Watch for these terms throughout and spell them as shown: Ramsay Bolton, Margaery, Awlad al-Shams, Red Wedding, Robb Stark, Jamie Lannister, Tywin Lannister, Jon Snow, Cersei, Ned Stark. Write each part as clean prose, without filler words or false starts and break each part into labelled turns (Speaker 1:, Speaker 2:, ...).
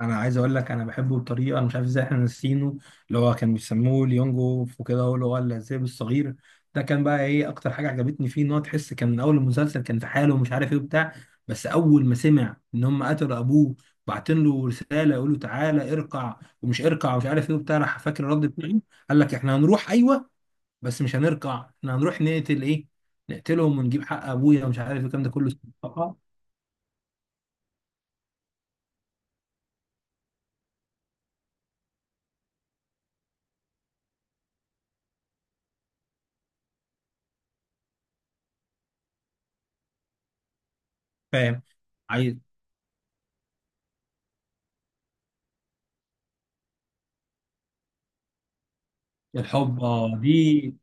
Speaker 1: انا عايز اقول لك انا بحبه بطريقه، انا مش عارف ازاي احنا نسينه. اللي هو كان بيسموه ليونجوف وكده، هو اللي هو الذئب الصغير. ده كان بقى ايه اكتر حاجه عجبتني فيه، ان هو تحس كان من اول المسلسل كان في حاله ومش عارف ايه وبتاع. بس اول ما سمع ان هم قتلوا ابوه، بعتين له رساله يقول له تعالى ارقع، ومش عارف ايه وبتاع، راح فاكر الرد بتاعه. قال لك احنا هنروح، ايوه، بس مش هنرقع، احنا هنروح نقتل ايه، نقتلهم ونجيب حق ابويا، ومش عارف الكلام ده كله. فاهم؟ عايز الحب، دي.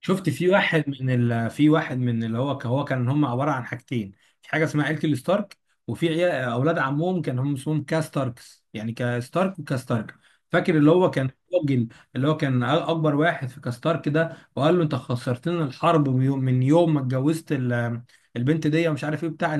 Speaker 1: شفت في واحد من في واحد من اللي هو، هو كان هم عباره عن حاجتين. في حاجه اسمها عيله الستارك، وفي اولاد عمهم كان هم اسمهم كاستاركس، يعني كستارك وكاستارك. فاكر اللي هو كان الراجل اللي هو كان اكبر واحد في كاستارك ده، وقال له انت خسرتنا الحرب من يوم ما اتجوزت البنت دي ومش عارف ايه بتاع.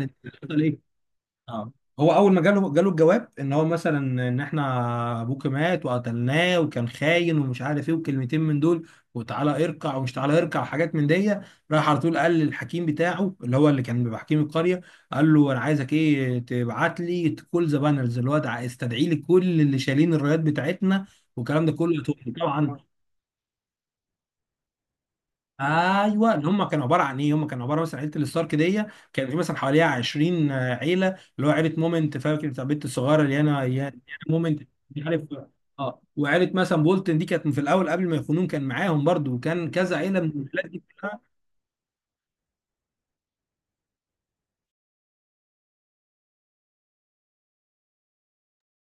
Speaker 1: اه، هو اول ما جاله جاله الجواب ان هو مثلا ان احنا ابوك مات وقتلناه وكان خاين ومش عارف ايه، وكلمتين من دول، وتعالى اركع، ومش تعالى اركع وحاجات من دي. راح على طول قال للحكيم بتاعه، اللي هو اللي كان بيبقى حكيم القريه، قال له انا عايزك ايه، تبعت لي كل ذا بانرز، اللي هو استدعي لي كل اللي شايلين الرايات بتاعتنا والكلام ده كله يا توفي طبعا. ايوه، اللي هم كانوا عباره عن ايه، هم كانوا عباره مثلا عيله الستارك دي كان في مثلا حواليها 20 عيله، اللي هو عيله مومنت، فاكر بتاع البنت الصغيره اللي انا يا مومنت، مش عارف. اه، وعيله مثلا بولتن دي كانت في الاول قبل ما يخونون كان معاهم برضو، وكان كذا عيله من العيلات دي كلها.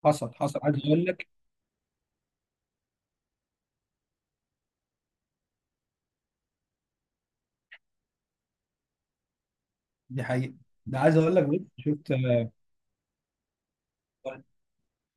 Speaker 1: حصل عايز اقول لك. دي حقيقه. ده عايز اقول لك، بص، شفت،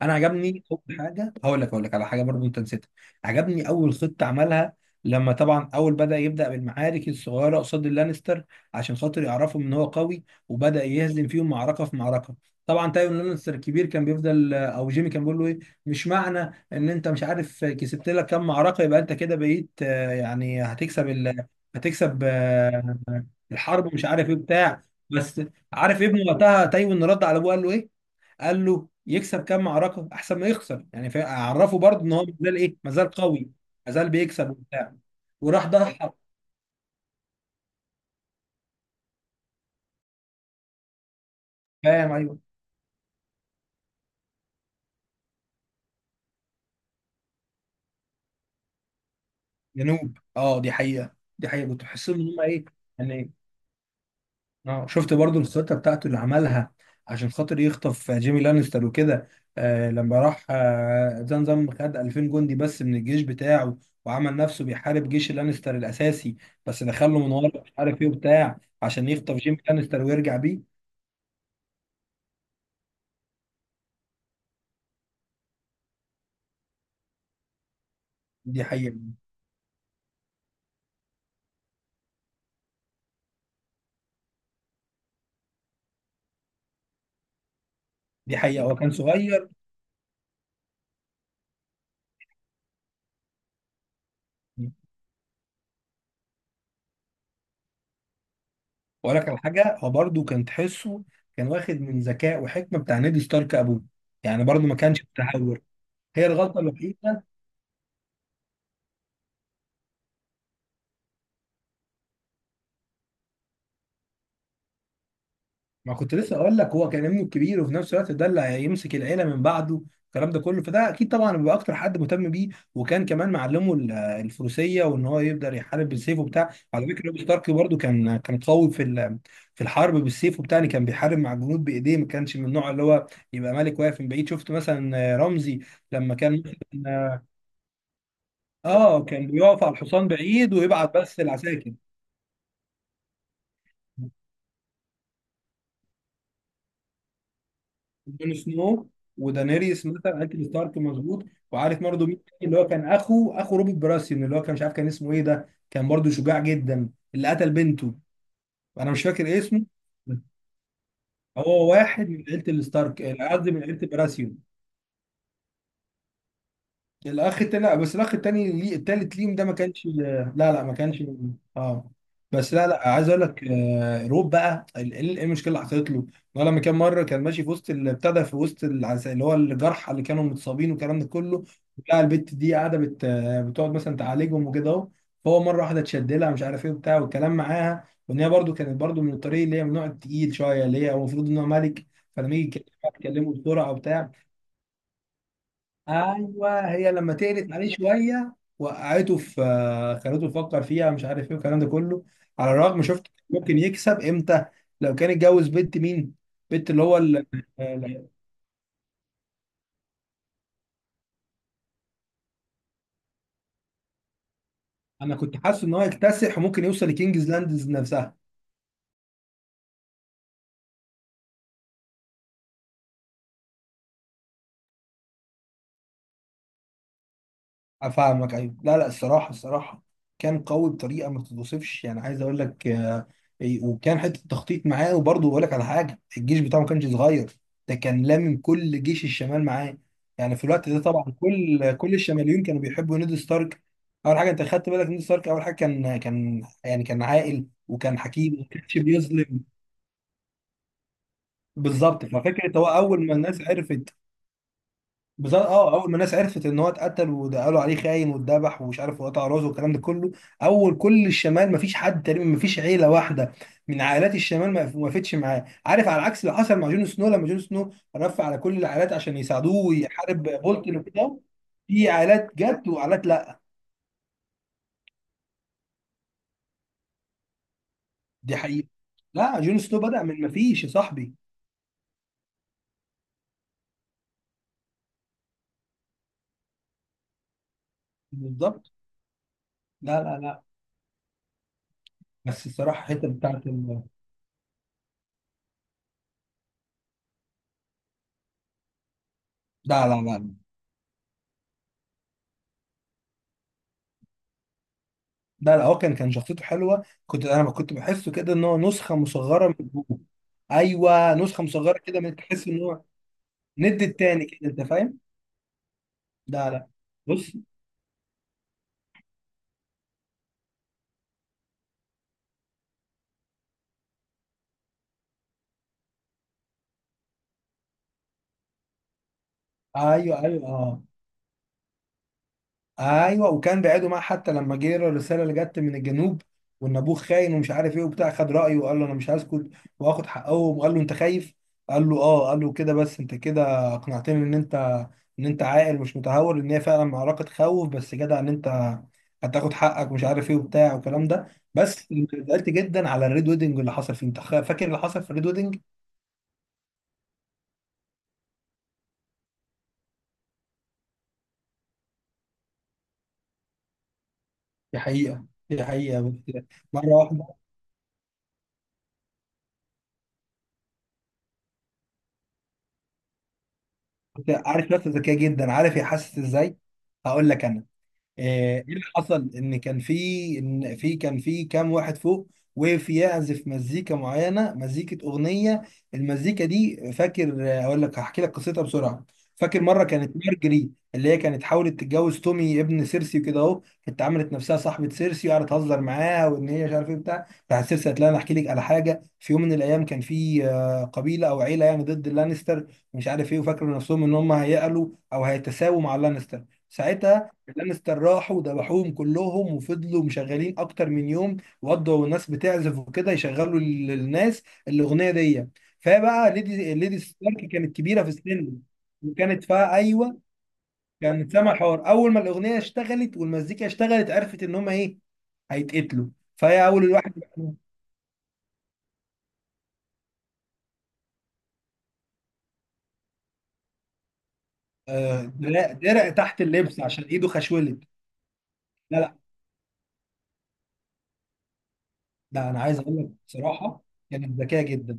Speaker 1: انا عجبني اول حاجه، هقول لك على حاجه برضو انت نسيتها. عجبني اول خطه عملها، لما طبعا اول يبدا بالمعارك الصغيره قصاد اللانستر عشان خاطر يعرفوا ان هو قوي، وبدا يهزم فيهم معركه في معركه. طبعا تايون لانستر الكبير كان بيفضل او جيمي كان بيقول له ايه، مش معنى ان انت مش عارف كسبت لك كام معركه يبقى انت كده بقيت، يعني هتكسب هتكسب، الحرب ومش عارف ايه بتاع. بس عارف ابنه وقتها تايون رد على ابوه قال له ايه، قال له يكسب كام معركه احسن ما يخسر. يعني عرفه برضه ان هو مازال ايه، مازال قوي، مازال بيكسب وبتاع. وراح ده حق. فاهم؟ ايوه. جنوب، اه، دي حقيقه. دي حقيقه، كنت بحس ان هم ايه، يعني. اه، شفت برضه الخطه بتاعته اللي عملها عشان خاطر يخطف جيمي لانستر وكده. آه، لما راح آه زنزم، خد 2000 جندي بس من الجيش بتاعه، وعمل نفسه بيحارب جيش لانستر الاساسي، بس دخله من ورا مش عارف ايه وبتاع عشان يخطف جيمي لانستر ويرجع بيه. دي حقيقه. دي حقيقة هو كان صغير، ولا كان حاجة. هو برضه كان تحسه كان واخد من ذكاء وحكمة بتاع نيد ستارك أبوه، يعني برضه ما كانش متهور. هي الغلطة الوحيدة. ما كنت لسه اقول لك، هو كان ابنه الكبير، وفي نفس الوقت ده اللي هيمسك العيله من بعده، الكلام ده كله، فده اكيد طبعا بيبقى اكتر حد مهتم بيه. وكان كمان معلمه الفروسيه، وان هو يقدر يحارب بالسيف وبتاع. على فكره روب ستارك برضو كان قوي في في الحرب بالسيف وبتاع، يعني كان بيحارب مع الجنود بايديه. ما كانش من النوع اللي هو يبقى ملك واقف من بعيد. شفت مثلا رمزي لما كان مثلا، اه، كان بيقف على الحصان بعيد ويبعت بس العساكر. جون سنو ودانيريس مثلا، انتي ستارك، مظبوط. وعارف برضه مين تاني اللي هو كان اخو روبرت براسيون، اللي هو كان مش عارف كان اسمه ايه، ده كان برضه شجاع جدا، اللي قتل بنته. انا مش فاكر إيه اسمه. هو واحد من عيله الستارك، قصدي من عيله براسيون. الاخ التاني، لا، بس الاخ التاني ليه، التالت ليهم ده ما كانش، لا لا ما كانش. اه. بس لا لا، عايز اقول لك، روب بقى ايه المشكله اللي حصلت له، إن هو لما كان مره كان ماشي في وسط ابتدى في وسط اللي هو الجرحى اللي كانوا متصابين والكلام ده كله بتاع. البت دي قاعده، بتقعد مثلا تعالجهم وكده اهو. فهو مره واحده اتشد لها مش عارف ايه وبتاع، والكلام معاها، وان هي برده كانت برده من الطريق، اللي هي من النوع التقيل شويه، اللي هي هو المفروض ان هو ملك، فلما يجي يكلمها تكلمه بسرعه وبتاع. ايوه، هي لما تقلت عليه شويه، وقعته في، خلته يفكر فيها مش عارف ايه والكلام ده كله. على الرغم، شفت، ممكن يكسب امتى، لو كان اتجوز بنت مين، بنت اللي هو ال- انا كنت حاسس ان هو يكتسح، وممكن يوصل لكينجز لاندز نفسها. افهمك، ايوه. لا لا، الصراحه، الصراحه كان قوي بطريقه ما تتوصفش، يعني عايز اقول لك، آه، إيه، وكان حته تخطيط معاه. وبرضه بقول لك على حاجه، الجيش بتاعه ما كانش صغير، ده كان لامم كل جيش الشمال معاه. يعني في الوقت ده طبعا كل الشماليون كانوا بيحبوا نيد ستارك. اول حاجه انت خدت بالك، نيد ستارك اول حاجه كان يعني كان عاقل وكان حكيم وما كانش بيظلم. بالظبط. ففكره هو اول ما الناس عرفت، بالظبط، اه اول ما الناس عرفت ان هو اتقتل، وده قالوا عليه خاين واتذبح ومش عارف، وقطع راسه والكلام ده كله، اول كل الشمال ما فيش حد تقريبا، ما فيش عيله واحده من عائلات الشمال ما وقفتش معاه. عارف، على العكس اللي حصل مع جون سنو، لما جون سنو رفع على كل العائلات عشان يساعدوه ويحارب بولتن وكده، في عائلات جت وعائلات لا. دي حقيقه. لا، جون سنو بدأ من ما فيش يا صاحبي. بالظبط. لا لا لا، بس الصراحه الحته بتاعت لا لا لا، لا لا هو كان شخصيته حلوه. كنت، انا كنت بحسه كده ان هو نسخه مصغره من ابوه. ايوه، نسخه مصغره كده، من تحس ان هو ند التاني كده، انت فاهم؟ لا لا. بص، ايوه ايوه، اه، ايوه. وكان بعيده معاه، حتى لما جه له الرساله اللي جت من الجنوب، وان ابوه خاين ومش عارف ايه وبتاع، خد رايه وقال له انا مش هسكت، واخد حقهم، وقال له انت خايف. قال له اه، قال له كده، بس انت كده اقنعتني ان انت عاقل مش متهور، ان هي فعلا معركه خوف، بس جدع ان انت هتاخد حقك ومش عارف ايه وبتاع والكلام ده. بس زعلت جدا على الريد ويدنج اللي حصل فيه. انت فاكر اللي حصل في الريد ويدنج؟ دي حقيقه، دي حقيقه، بس. مره واحده. عارف نفسه ذكيه جدا، عارف هي حاسس ازاي، هقول لك انا. ايه اللي حصل، ان كان في، كام واحد فوق وقف يعزف مزيكا معينه، مزيكه، اغنيه. المزيكا دي، فاكر، اقول لك، هحكي لك قصتها بسرعه. فاكر مره كانت مارجري اللي هي كانت حاولت تتجوز تومي ابن سيرسي وكده اهو، كانت عملت نفسها صاحبه سيرسي، وقعدت تهزر معاها، وان هي مش عارف ايه بتاع بتاع، سيرسي قالت لها انا احكي لك على حاجه. في يوم من الايام كان في، قبيله او عيله، يعني ضد اللانستر مش عارف ايه، وفاكروا نفسهم ان هم هيقلوا او هيتساووا مع اللانستر. ساعتها اللانستر راحوا وذبحوهم كلهم، وفضلوا مشغلين اكتر من يوم، وقضوا، والناس بتعزف وكده يشغلوا الناس الاغنيه دي. فبقى ليدي ستارك كانت كبيره في السن، وكانت فا، ايوه، كانت سامع حوار، اول ما الاغنيه اشتغلت والمزيكا اشتغلت عرفت ان هم ايه، هيتقتلوا. فهي اول الواحد، درع تحت اللبس، عشان ايده خشولت. لا لا، ده انا عايز اقول لك بصراحه، كانت ذكيه جدا.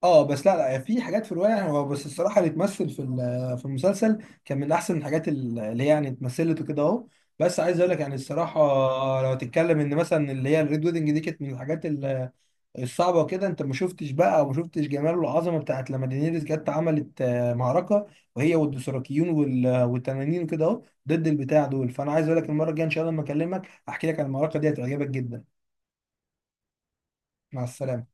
Speaker 1: اه بس لا لا، في حاجات في الروايه، هو بس الصراحه اللي اتمثل في في المسلسل كان من احسن الحاجات اللي هي يعني اتمثلت وكده اهو. بس عايز اقول لك يعني الصراحه، لو تتكلم ان مثلا اللي هي الريد ويدنج دي كانت من الحاجات الصعبه وكده، انت ما شفتش بقى، وما شفتش جمال والعظمه بتاعت لما دينيريس جت عملت، معركه، وهي والدوثراكيون والتنانين وكده اهو، ضد البتاع دول. فانا عايز اقول لك المره الجايه ان شاء الله لما اكلمك احكي لك عن المعركه دي، هتعجبك جدا. مع السلامه.